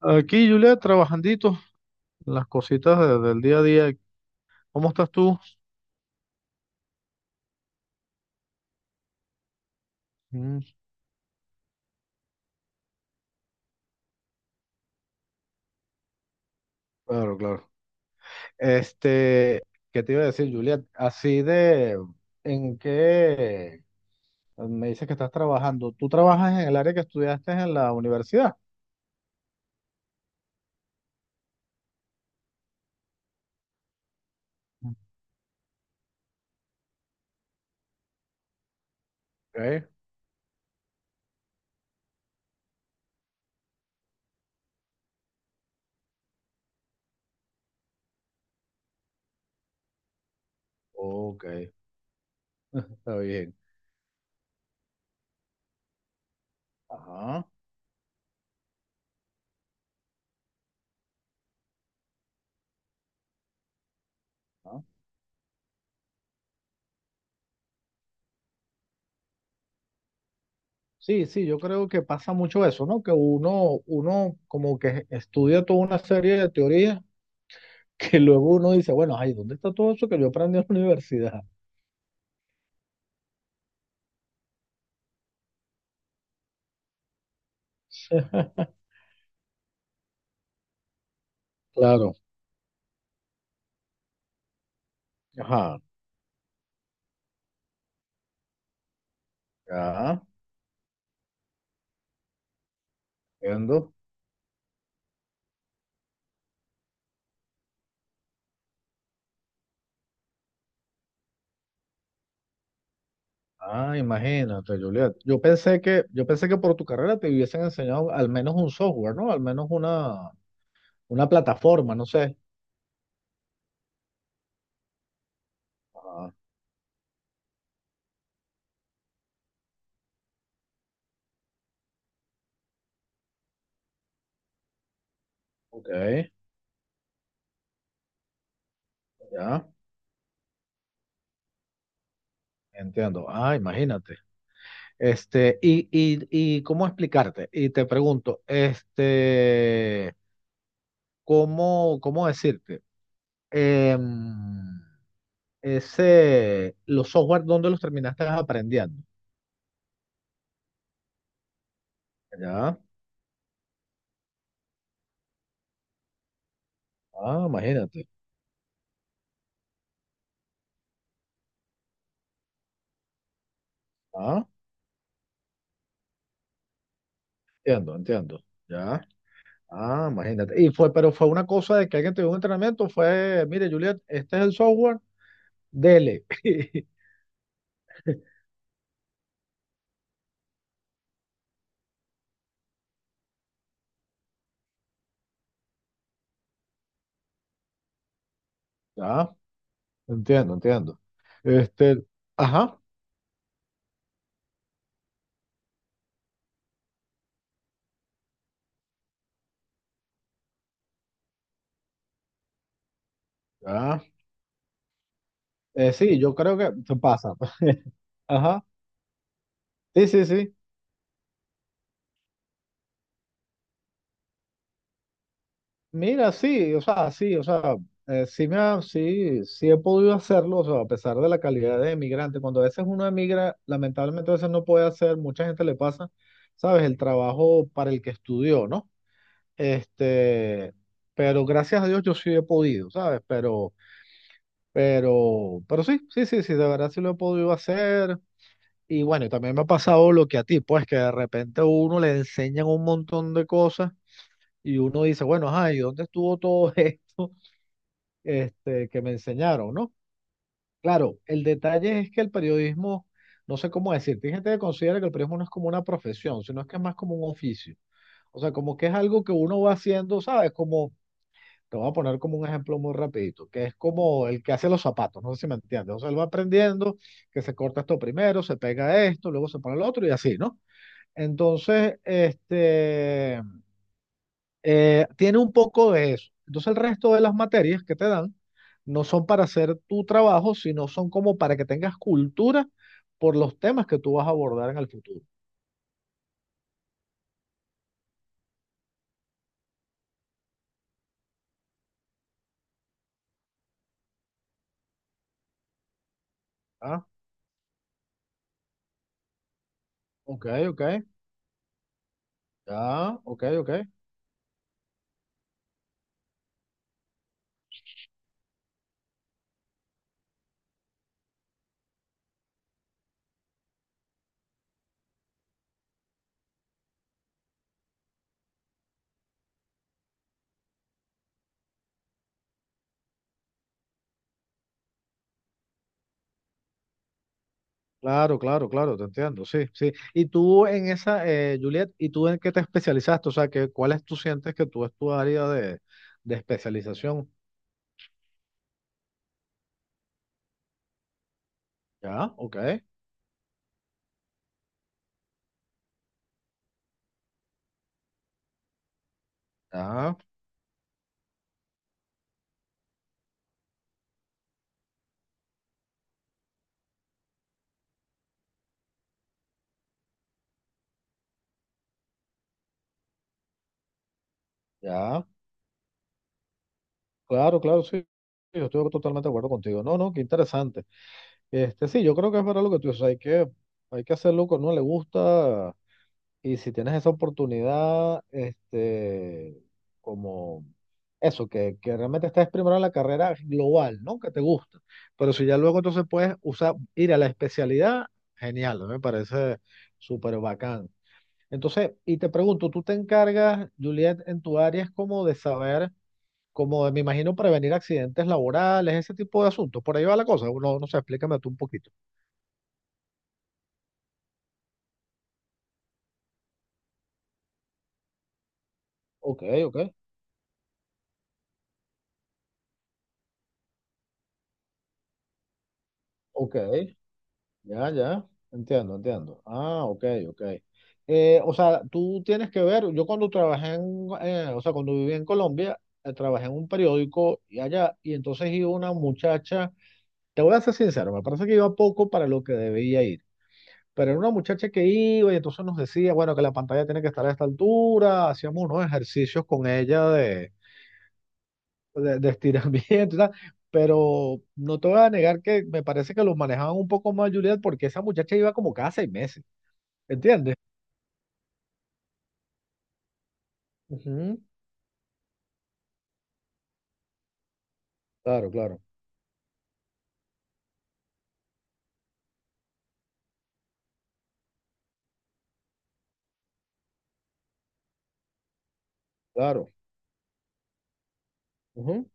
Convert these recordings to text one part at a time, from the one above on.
Aquí, Julia, trabajandito, las cositas del día a día. ¿Cómo estás tú? Mm, claro, claro. Este, ¿Qué te iba a decir, Juliet? Así de, ¿en qué me dices que estás trabajando? ¿Tú trabajas en el área que estudiaste en la universidad? Ok. Ok, está bien. Ajá. Ajá. Sí, sí, yo creo que pasa mucho eso, ¿no? Que uno como que estudia toda una serie de teorías que luego uno dice, bueno, ay, ¿dónde está todo eso que yo aprendí en la universidad? Claro, ajá, ya, entiendo. Ah, imagínate, Juliet. Yo pensé que por tu carrera te hubiesen enseñado al menos un software, ¿no? Al menos una plataforma, no sé. Ah, ok, ya, entiendo. Ah, imagínate. Y, y cómo explicarte, y te pregunto, ¿cómo, cómo decirte? Em, ese, los software, ¿dónde los terminaste aprendiendo? Ya. Ah, imagínate. Ah, entiendo, entiendo. Ya. Ah, imagínate. Y fue, pero fue una cosa de que alguien te dio un entrenamiento, fue, mire, Juliet, este es el software, dele. Ya, entiendo, entiendo. Este, ajá, ya. Sí, yo creo que se pasa. Ajá. Sí, sí, sí. Mira, sí, o sea, sí, o sea, sí, sí, sí he podido hacerlo, o sea, a pesar de la calidad de emigrante, cuando a veces uno emigra, lamentablemente a veces no puede hacer, mucha gente le pasa, sabes, el trabajo para el que estudió, ¿no? Este, pero gracias a Dios yo sí he podido, ¿sabes? Pero sí, sí, sí, sí, de verdad sí lo he podido hacer. Y bueno, y también me ha pasado lo que a ti, pues que de repente a uno le enseñan un montón de cosas y uno dice, bueno, ay, ¿dónde estuvo todo esto? Este, que me enseñaron, ¿no? Claro, el detalle es que el periodismo, no sé cómo decirte, hay gente que considera que el periodismo no es como una profesión, sino es que es más como un oficio. O sea, como que es algo que uno va haciendo, ¿sabes? Como, te voy a poner como un ejemplo muy rapidito, que es como el que hace los zapatos, no sé si me entiendes. O sea, él va aprendiendo que se corta esto primero, se pega esto, luego se pone el otro y así, ¿no? Entonces, tiene un poco de eso. Entonces el resto de las materias que te dan no son para hacer tu trabajo, sino son como para que tengas cultura por los temas que tú vas a abordar en el futuro. Ah, ok, ok. Ah, ok, ok. Claro, claro, claro, te entiendo, sí, sí. Y tú en esa, Juliet, ¿y tú en qué te especializaste? O sea, que, ¿cuál es, tú sientes que tú es tu área de especialización? Ya, ok, ya, ya. Claro, claro, sí. Yo estoy totalmente de acuerdo contigo. No, no, qué interesante. Sí, yo creo que es verdad lo que tú dices, hay que hacerlo que a uno le gusta y si tienes esa oportunidad, como eso, que realmente estés primero en la carrera global, ¿no? Que te gusta. Pero si ya luego entonces puedes usar, ir a la especialidad, genial, me parece súper bacán. Entonces, y te pregunto, ¿tú te encargas, Juliet, en tu área es como de saber, como de, me imagino, prevenir accidentes laborales, ese tipo de asuntos? Por ahí va la cosa, no, no sé, explícame tú un poquito. Ok, ok, ok, ya, ya, entiendo, entiendo. Ah, ok, ok. O sea, tú tienes que ver, yo cuando trabajé en, o sea, cuando viví en Colombia, trabajé en un periódico y allá, y entonces iba una muchacha, te voy a ser sincero, me parece que iba poco para lo que debía ir, pero era una muchacha que iba y entonces nos decía, bueno, que la pantalla tiene que estar a esta altura, hacíamos unos ejercicios con ella de estiramiento y tal, pero no te voy a negar que me parece que los manejaban un poco más, Juliet, porque esa muchacha iba como cada seis meses, ¿entiendes? Ujú. Claro, claro, claro. Ujú.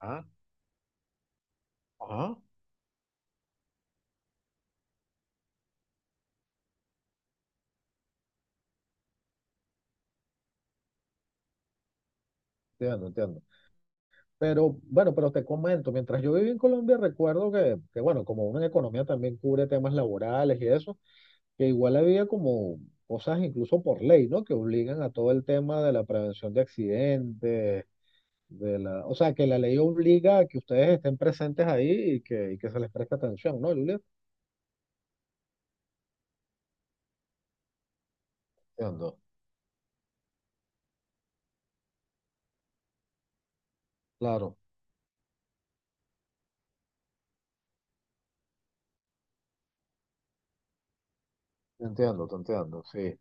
Ah, ajá. Entiendo, entiendo. Pero bueno, pero te comento, mientras yo viví en Colombia, recuerdo que, bueno, como una economía también cubre temas laborales y eso, que igual había como cosas incluso por ley, ¿no? Que obligan a todo el tema de la prevención de accidentes, de la, o sea, que la ley obliga a que ustedes estén presentes ahí y que se les preste atención, ¿no, Julia? Entiendo, claro, te entiendo, sí.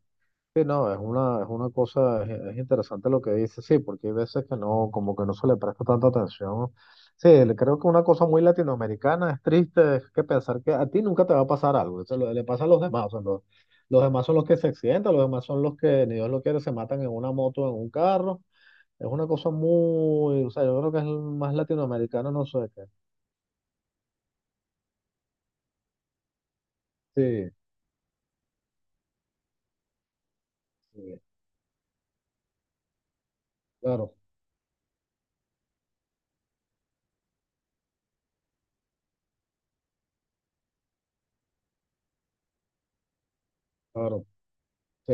Sí, no, es una cosa, es interesante lo que dice, sí, porque hay veces que no, como que no se le presta tanta atención. Sí, creo que una cosa muy latinoamericana es triste, es que pensar que a ti nunca te va a pasar algo, le pasa a los demás, o sea, los demás son los que se accidentan, los demás son los que, ni Dios lo quiere, se matan en una moto, en un carro, es una cosa muy, o sea, yo creo que es más latinoamericano, no sé qué. Sí, sí, claro, claro, sí,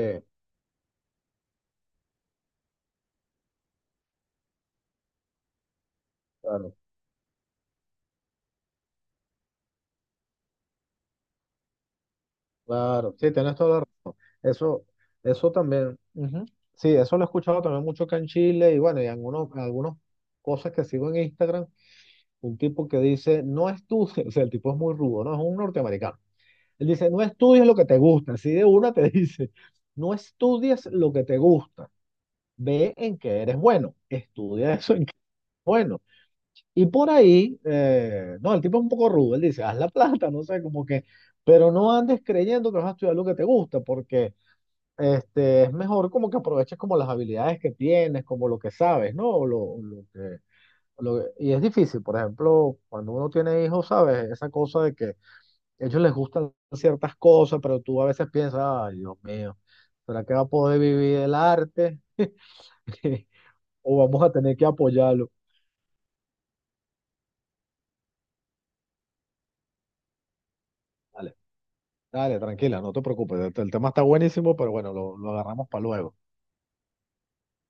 claro, claro. Sí, tienes toda la razón. Eso, eso también, ujú. Sí, eso lo he escuchado también mucho acá en Chile y bueno, y algunos, algunas cosas que sigo en Instagram, un tipo que dice, no estudies, o sea, el tipo es muy rudo, ¿no? Es un norteamericano. Él dice, no estudies lo que te gusta, así de una te dice, no estudies lo que te gusta, ve en qué eres bueno, estudia eso en qué eres bueno. Y por ahí, no, el tipo es un poco rudo, él dice, haz la plata, no sé, como que, pero no andes creyendo que vas a estudiar lo que te gusta, porque es mejor como que aproveches como las habilidades que tienes, como lo que sabes, ¿no? O lo que, y es difícil, por ejemplo, cuando uno tiene hijos, ¿sabes? Esa cosa de que a ellos les gustan ciertas cosas, pero tú a veces piensas, ay, Dios mío, ¿será que va a poder vivir el arte? ¿O vamos a tener que apoyarlo? Vale. Dale, tranquila, no te preocupes. El tema está buenísimo, pero bueno, lo agarramos para luego.